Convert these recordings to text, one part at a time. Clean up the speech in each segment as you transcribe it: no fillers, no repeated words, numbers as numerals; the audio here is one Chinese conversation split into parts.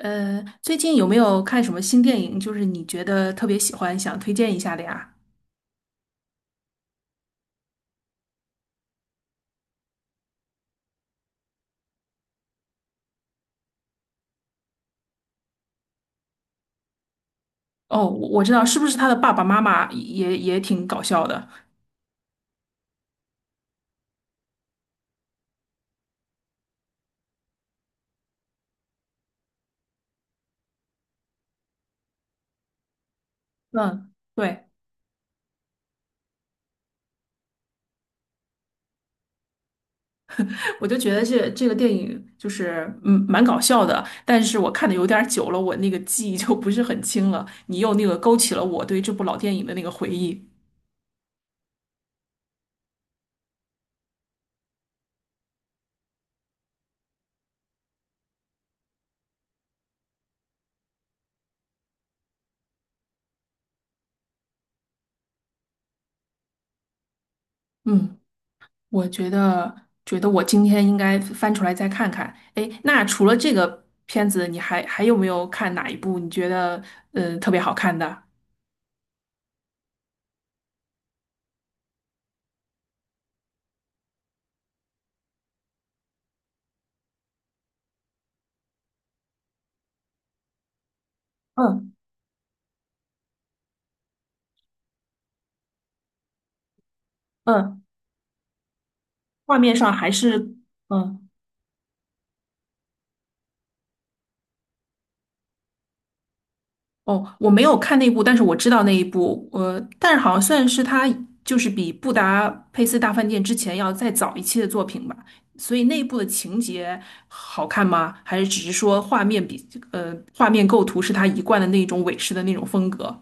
最近有没有看什么新电影？就是你觉得特别喜欢，想推荐一下的呀？哦，我知道，是不是他的爸爸妈妈也挺搞笑的？嗯，对，我就觉得这个电影就是蛮搞笑的，但是我看的有点儿久了，我那个记忆就不是很清了。你又那个勾起了我对这部老电影的那个回忆。嗯。我觉得，觉得我今天应该翻出来再看看。哎，那除了这个片子，你还有没有看哪一部你觉得特别好看的？嗯嗯，画面上还是嗯哦，我没有看那部，但是我知道那一部，但是好像算是他就是比《布达佩斯大饭店》之前要再早一期的作品吧。所以那一部的情节好看吗？还是只是说画面比画面构图是他一贯的那种美式的那种风格？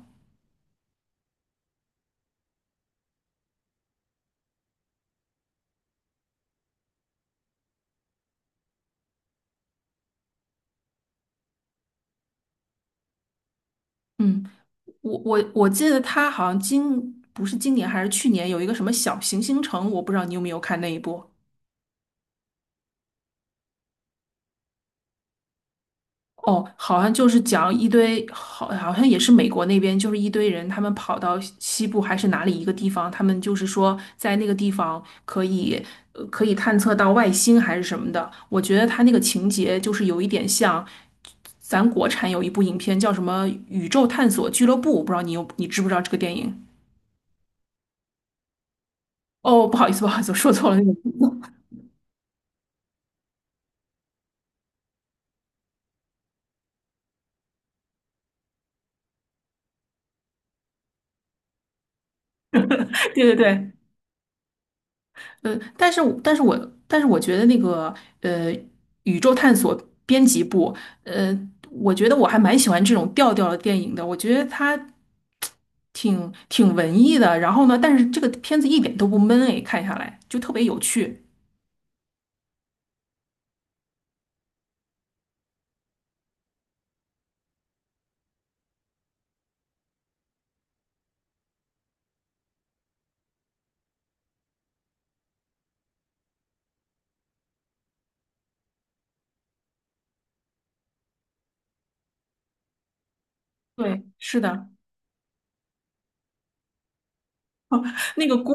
嗯。我记得他好像不是今年还是去年有一个什么小行星城，我不知道你有没有看那一部。哦，好像就是讲一堆，好，好像也是美国那边，就是一堆人，他们跑到西部还是哪里一个地方，他们就是说在那个地方可以，可以探测到外星还是什么的。我觉得他那个情节就是有一点像咱国产有一部影片叫什么《宇宙探索俱乐部》，我不知道你有你知不知道这个电影？哦，不好意思，不好意思，我说错了那个 对对对，呃，但是但是我但是我觉得那个呃，宇宙探索编辑部，呃，我觉得我还蛮喜欢这种调调的电影的。我觉得它挺文艺的，然后呢，但是这个片子一点都不闷诶，看下来就特别有趣。对 是的，那个锅，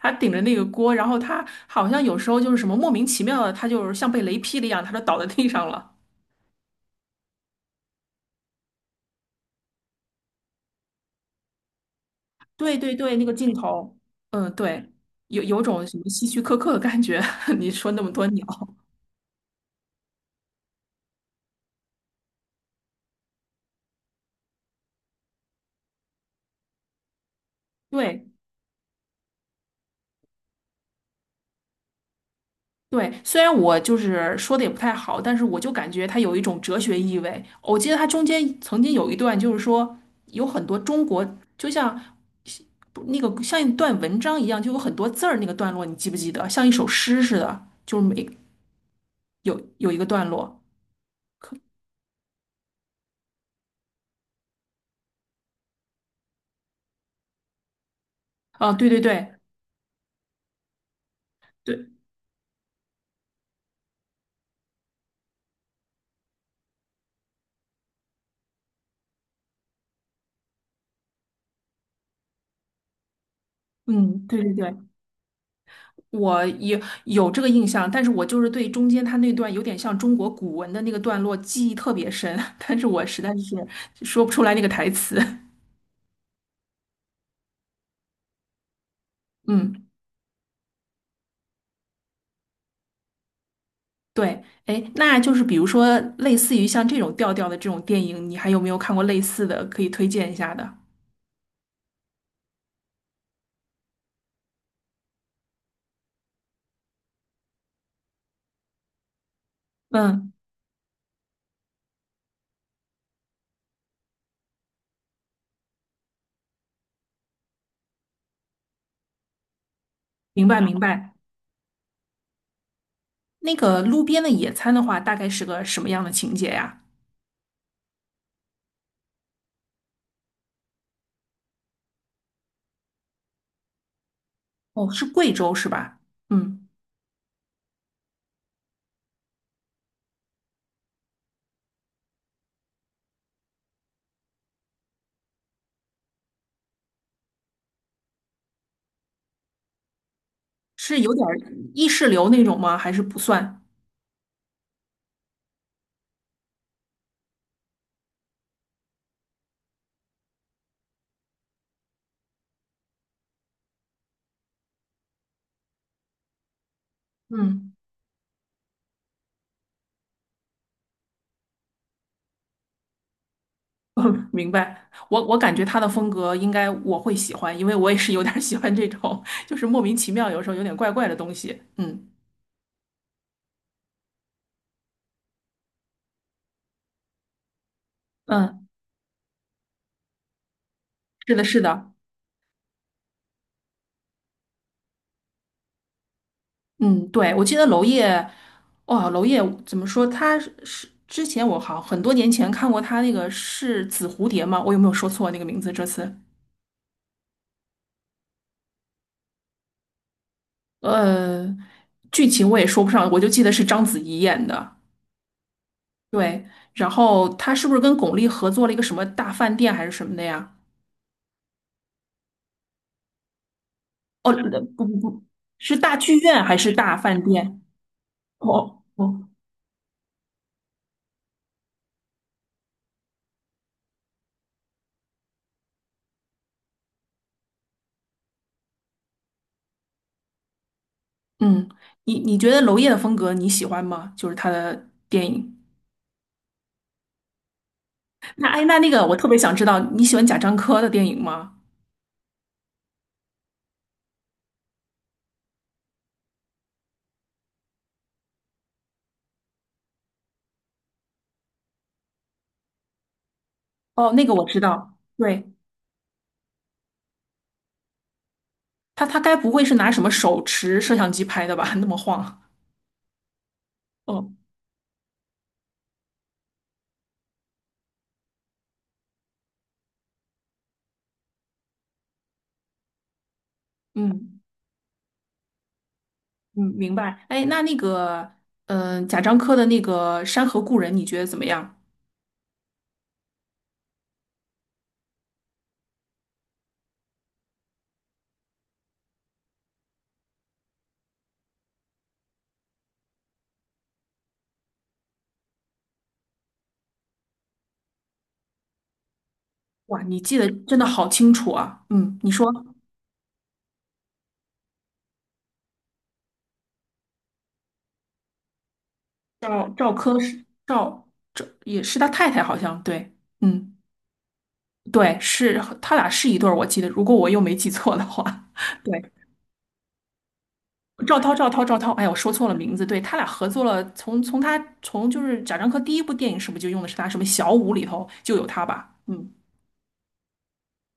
他顶着那个锅，然后他好像有时候就是什么莫名其妙的，他就是像被雷劈了一样，他就倒在地上了。对对对，那个镜头，嗯，对，有有种什么希区柯克的感觉。你说那么多鸟，对对，虽然我就是说的也不太好，但是我就感觉它有一种哲学意味。我记得它中间曾经有一段，就是说有很多中国，就像不那个像一段文章一样，就有很多字儿那个段落，你记不记得？像一首诗似的，就是有有一个段落。啊，对对对对，嗯，对对对。我也有这个印象，但是我就是对中间他那段有点像中国古文的那个段落记忆特别深，但是我实在是说不出来那个台词。嗯，对，哎，那就是比如说类似于像这种调调的这种电影，你还有没有看过类似的可以推荐一下的？嗯，明白明白。那个路边的野餐的话，大概是个什么样的情节呀？哦，是贵州是吧？嗯，是有点儿意识流那种吗？还是不算？嗯。明白，我感觉他的风格应该我会喜欢，因为我也是有点儿喜欢这种，就是莫名其妙，有时候有点怪怪的东西。嗯嗯，是的，是的，嗯，对，我记得娄烨，哇，娄烨怎么说？他是之前我很多年前看过他那个是紫蝴蝶吗？我有没有说错那个名字？这次，呃，剧情我也说不上，我就记得是章子怡演的。对，然后他是不是跟巩俐合作了一个什么大饭店还是什么的呀？哦，不不不，是大剧院还是大饭店？哦哦，嗯，你你觉得娄烨的风格你喜欢吗？就是他的电影。那哎，那那个我特别想知道，你喜欢贾樟柯的电影吗？哦，那个我知道，对，他他该不会是拿什么手持摄像机拍的吧？那么晃。哦，嗯嗯，明白。哎，那那个，嗯、贾樟柯的那个《山河故人》，你觉得怎么样？哇，你记得真的好清楚啊。嗯，你说。赵赵柯是赵赵也是他太太，好像对，嗯，对，是他俩是一对儿，我记得，如果我又没记错的话，对，赵涛，赵涛，赵涛，哎呀我说错了名字，对他俩合作了，从就是贾樟柯第一部电影是不是就用的是他什么小五里头就有他吧？嗯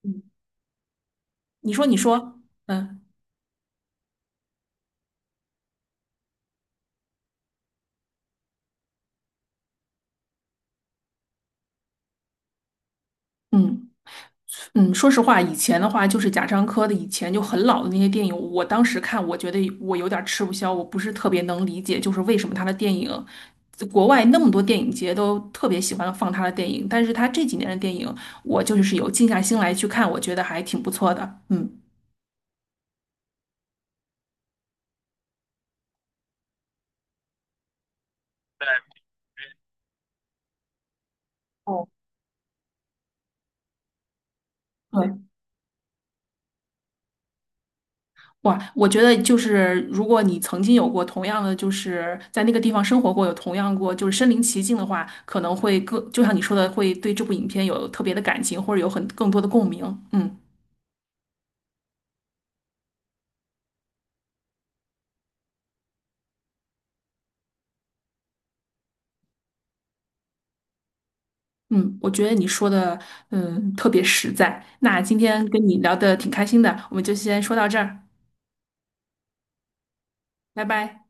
嗯，你说你说，嗯嗯。嗯，说实话，以前的话就是贾樟柯的以前就很老的那些电影，我当时看，我觉得我有点儿吃不消，我不是特别能理解，就是为什么他的电影，国外那么多电影节都特别喜欢放他的电影，但是他这几年的电影，我就是有静下心来去看，我觉得还挺不错的。嗯，哦，对。哇，我觉得就是如果你曾经有过同样的，就是在那个地方生活过，有同样过就是身临其境的话，可能会更，就像你说的，会对这部影片有特别的感情，或者有很更多的共鸣。嗯嗯，我觉得你说的特别实在。那今天跟你聊的挺开心的，我们就先说到这儿，拜拜。